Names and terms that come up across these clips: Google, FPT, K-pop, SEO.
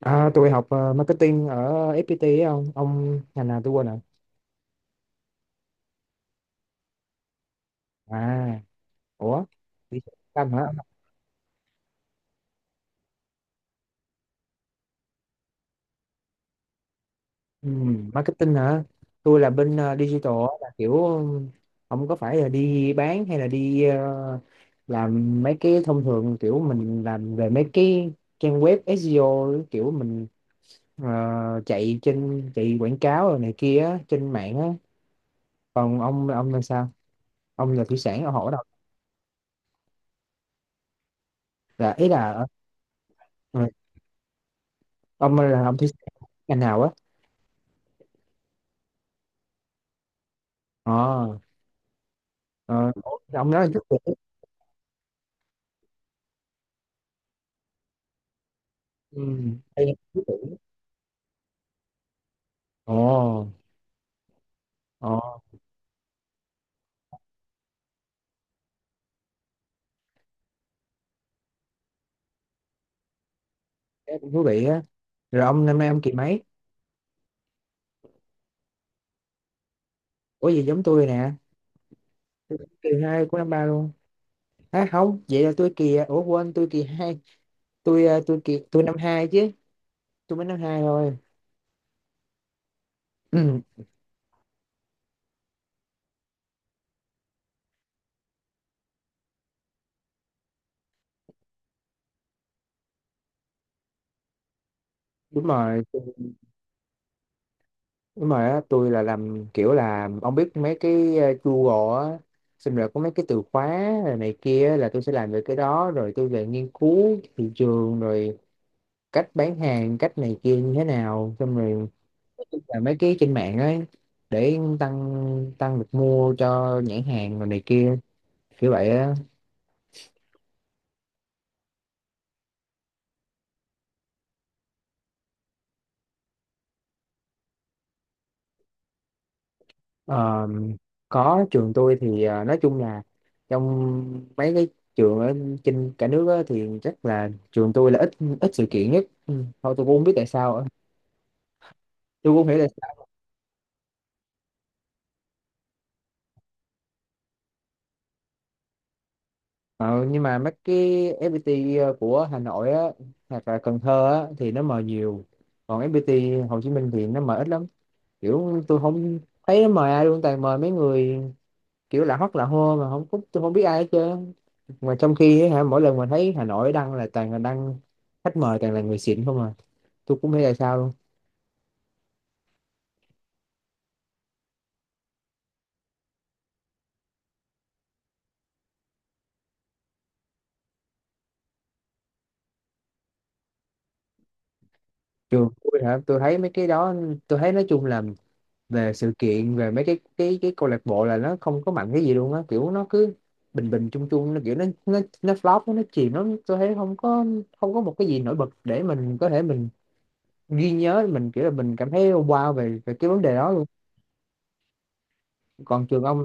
À, tôi học marketing ở FPT ấy ông ngành nào tôi quên rồi. À, ủa, đi làm hả? ừ, marketing hả? Tôi là bên digital á, là kiểu, không có phải là đi bán hay là đi làm mấy cái thông thường, kiểu mình làm về mấy cái trang web SEO, kiểu mình chạy trên chạy quảng cáo rồi này kia á, trên mạng á. Còn ông là sao? Ông là thủy sản ở hổ đâu? Là ý là, ừ, ông là ông thủy sản ngành nào á? ờ ờ, ủa, ông nói chút tuổi. Ừ. Hay là chút tuổi. Ồ. Ồ, cái cũng thú vị á. Rồi ông năm nay ông kỳ mấy? Ủa gì giống tôi nè, tôi cũng kỳ hai của năm ba luôn. À không, vậy là tôi kỳ, ủa quên, tôi kỳ hai. Tôi tôi kỳ, tôi năm hai chứ, tôi mới năm hai thôi. Ừ, đúng rồi, đúng rồi á. Tôi là làm kiểu là, ông biết mấy cái Google á, xong rồi có mấy cái từ khóa rồi này kia á, là tôi sẽ làm về cái đó, rồi tôi về nghiên cứu thị trường, rồi cách bán hàng cách này kia như thế nào, xong rồi là mấy cái trên mạng ấy, để tăng, được mua cho nhãn hàng rồi này kia, kiểu vậy á. Ờ, có, trường tôi thì nói chung là trong mấy cái trường ở trên cả nước á, thì chắc là trường tôi là ít, sự kiện nhất. Ừ, thôi tôi cũng không biết tại sao á. Tôi cũng không hiểu tại sao. Ờ, nhưng mà mấy cái FPT của Hà Nội á, hoặc là Cần Thơ á, thì nó mời nhiều, còn FPT Hồ Chí Minh thì nó mời ít lắm, kiểu tôi không thấy mời ai luôn, toàn mời mấy người kiểu lạ hót lạ hô mà không có- tôi không biết ai hết trơn. Mà trong khi á hả, mỗi lần mà thấy Hà Nội đăng là toàn là đăng khách mời toàn là người xịn không à, tôi cũng không biết là sao luôn. Trường tôi hả, tôi thấy mấy cái đó, tôi thấy nói chung là về sự kiện, về mấy cái câu lạc bộ là nó không có mạnh cái gì luôn á, kiểu nó cứ bình bình chung chung, nó kiểu nó flop, nó chìm lắm, tôi thấy không có, không có một cái gì nổi bật để mình có thể mình ghi nhớ, mình kiểu là mình cảm thấy wow về về cái vấn đề đó luôn. Còn trường ông?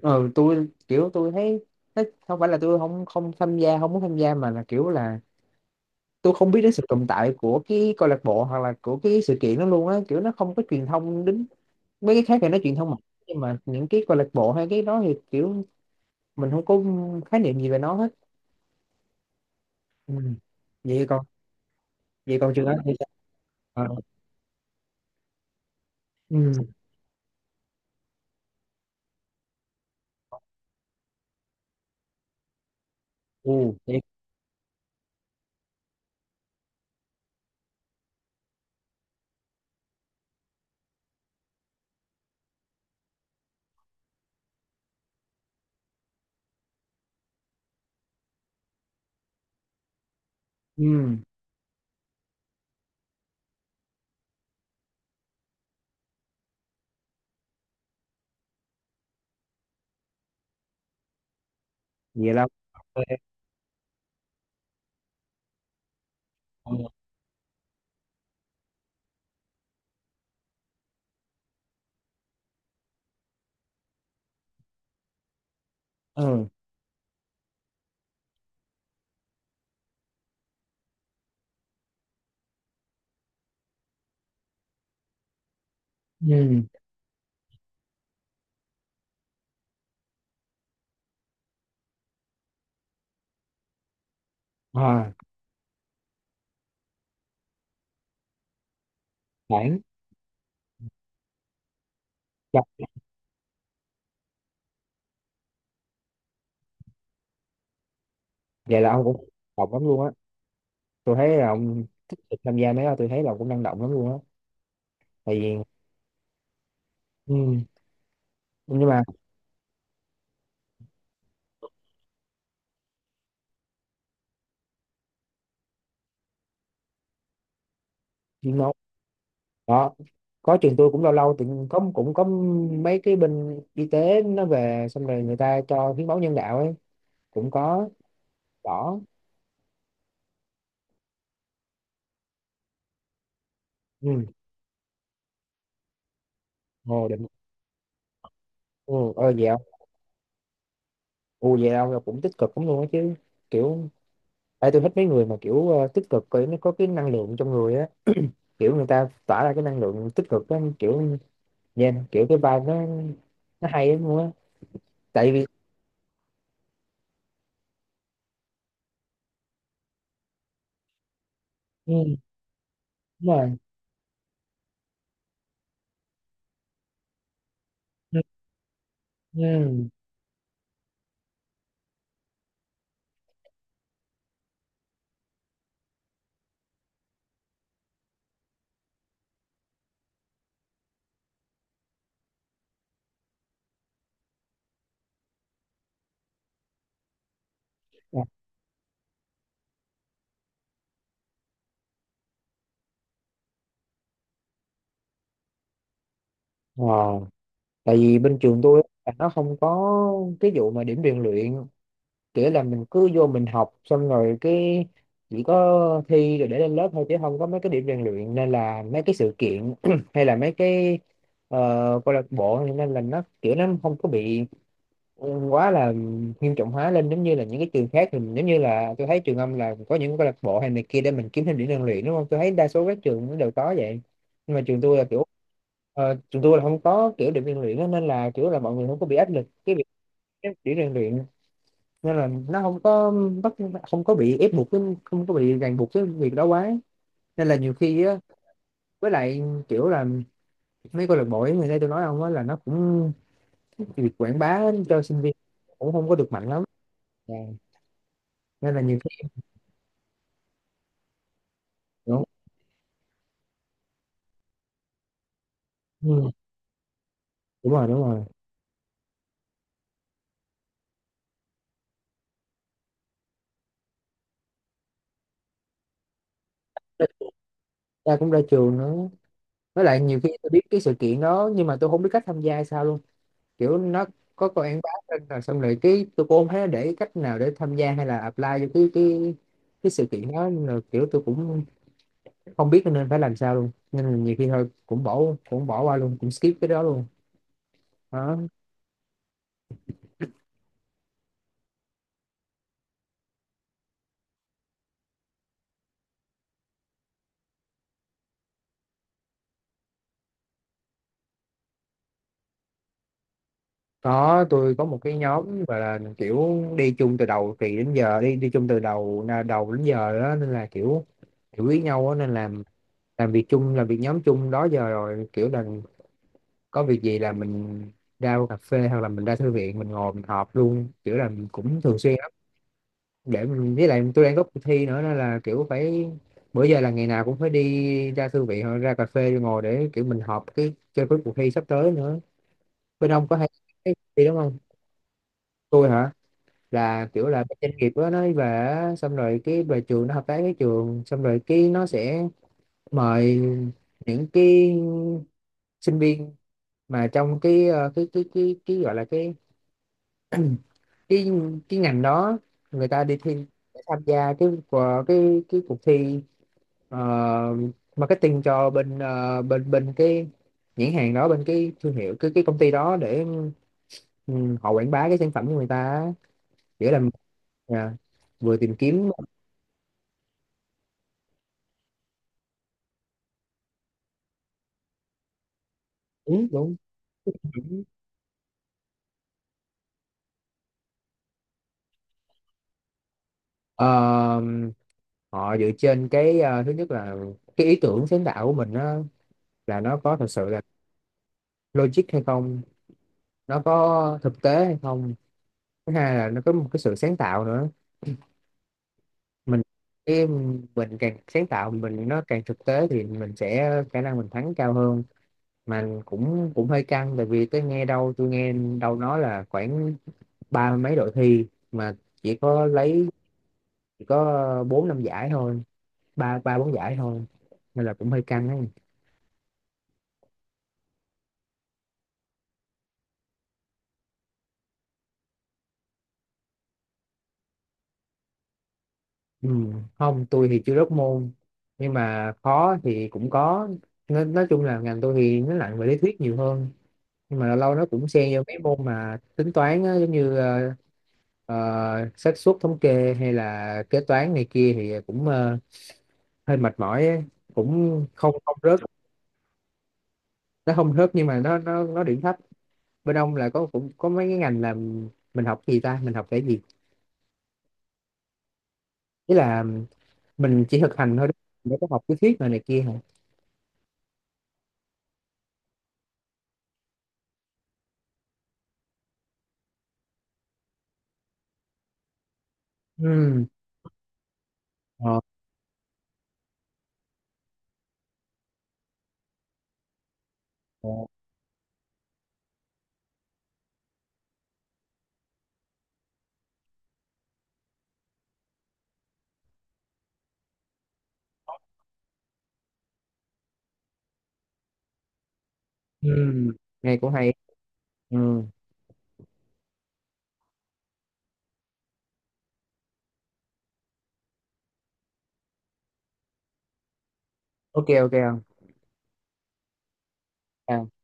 Ừ, tôi kiểu tôi thấy nó không phải là tôi không không tham gia, không muốn tham gia, mà là kiểu là tôi không biết đến sự tồn tại của cái câu lạc bộ hoặc là của cái sự kiện đó luôn á, kiểu nó không có truyền thông đến. Mấy cái khác thì nó truyền thông mạnh, nhưng mà những cái câu lạc bộ hay cái đó thì kiểu mình không có khái niệm gì về nó hết. Ừ. Vậy còn, vậy còn trường đó thì sao? Ờ. Ừ. Ừ. Vậy, ừ, vậy là ừ. Ừ. À, khoảng, chắc vậy là ông cũng học lắm luôn á, tôi thấy là ông tích cực tham gia mấy đó, tôi thấy là cũng năng động lắm luôn á. Tại vì, ừ. Nhưng mà chuyên môn đó, có, trường tôi cũng lâu lâu thì có, cũng có mấy cái bên y tế nó về, xong rồi người ta cho hiến máu nhân đạo ấy, cũng có. Đỏ. Ừ. Ồ, định. Ừ, ờ vậy không. Ừ, vậy ông là cũng tích cực lắm luôn á chứ, kiểu, tại tôi thích mấy người mà kiểu tích cực, kiểu nó có cái năng lượng trong người á, kiểu người ta tỏa ra cái năng lượng tích cực á, kiểu yeah, kiểu cái vibe nó, hay lắm luôn á. Tại vì, ừ, đúng rồi. Ừ, ừ, dạ. Ờ, tại vì bên trường tôi á, nó không có cái vụ mà điểm rèn luyện, kiểu là mình cứ vô mình học xong rồi cái chỉ có thi rồi để lên lớp thôi, chứ không có mấy cái điểm rèn luyện, nên là mấy cái sự kiện hay là mấy cái ờ, câu lạc bộ nên là nó kiểu nó không có bị quá là nghiêm trọng hóa lên giống như là những cái trường khác thì mình- giống như là tôi thấy trường âm là có những câu lạc bộ hay này kia để mình kiếm thêm điểm rèn luyện, đúng không? Tôi thấy đa số các trường nó đều có vậy, nhưng mà trường tôi là kiểu, trường tôi là không có kiểu điểm rèn luyện đó, nên là kiểu là mọi người không có bị áp lực cái việc cái điểm rèn luyện, nên là nó không có bắt, không có bị ép buộc cái- không có bị ràng buộc cái việc đó quá, nên là nhiều khi á, với lại kiểu là mấy câu lạc bộ ấy, người đây tôi nói ông á, là nó cũng việc quảng bá cho sinh viên cũng không có được mạnh lắm, nên là nhiều khi nó ừ, đúng rồi, đúng rồi. Ta cũng ra trường nữa, với lại nhiều khi tôi biết cái sự kiện đó nhưng mà tôi không biết cách tham gia hay sao luôn, kiểu nó có quảng bá lên rồi, xong rồi cái tôi cũng không thấy nó để cách nào để tham gia hay là apply vô cái sự kiện đó, nên là kiểu tôi cũng không biết nên phải làm sao luôn, nên là nhiều khi thôi cũng bỏ, qua luôn, cũng skip cái đó luôn. Đó, có, tôi có một cái nhóm gọi là kiểu đi chung từ đầu kỳ đến giờ, đi đi chung từ đầu đầu đến giờ đó, nên là kiểu hiểu ý nhau á, nên là làm việc chung, làm việc nhóm chung đó giờ rồi, kiểu là có việc gì là mình ra cà phê hoặc là mình ra thư viện mình ngồi mình họp luôn, kiểu là mình cũng thường xuyên lắm để mình, với lại tôi đang có cuộc thi nữa nên là kiểu phải, bữa giờ là ngày nào cũng phải đi ra thư viện hoặc ra cà phê ngồi để kiểu mình họp cái cho cái cuộc thi sắp tới nữa. Bên ông có hay cái gì đúng không? Tôi hả? Là kiểu là cái doanh nghiệp đó nó về á, xong rồi cái về trường nó hợp tác với trường, xong rồi cái nó sẽ mời những cái sinh viên mà trong cái gọi là cái cái ngành đó, người ta đi thi để tham gia cái của cái cuộc thi ờ, marketing cho bên ờ, bên bên cái nhãn hàng đó, bên cái thương hiệu, cái công ty đó để, ừ, họ quảng bá cái sản phẩm của người ta á. Nghĩa là, à, vừa tìm kiếm, đúng đúng, đúng. Ờ, họ dựa trên cái thứ nhất là cái ý tưởng sáng tạo của mình á, là nó có thật sự là logic hay không, nó có thực tế hay không, thứ hai là nó có một cái sự sáng tạo nữa, mình cái mình càng sáng tạo, mình nó càng thực tế thì mình sẽ khả năng mình thắng cao hơn. Mà cũng, hơi căng tại vì tôi nghe đâu, nói là khoảng ba mấy đội thi mà chỉ có lấy, chỉ có bốn năm giải thôi, ba ba bốn giải thôi, nên là cũng hơi căng ấy. Ừ. Không, tôi thì chưa rớt môn, nhưng mà khó thì cũng có. Nói chung là ngành tôi thì nó nặng về lý thuyết nhiều hơn, nhưng mà lâu lâu nó cũng xen vô mấy môn mà tính toán á, giống như ờ, xác suất thống kê hay là kế toán này kia thì cũng hơi mệt mỏi á. Cũng không, không rớt, nó không rớt nhưng mà nó điểm thấp. Bên ông là có, cũng có mấy cái ngành là mình học gì ta, mình học cái gì? Ý là mình chỉ thực hành thôi đúng không? Mình có học lý thuyết rồi này kia hả? Ừ. ờ, ờ, ừ, nghe cũng hay. Ừ. Ok, ok. Không.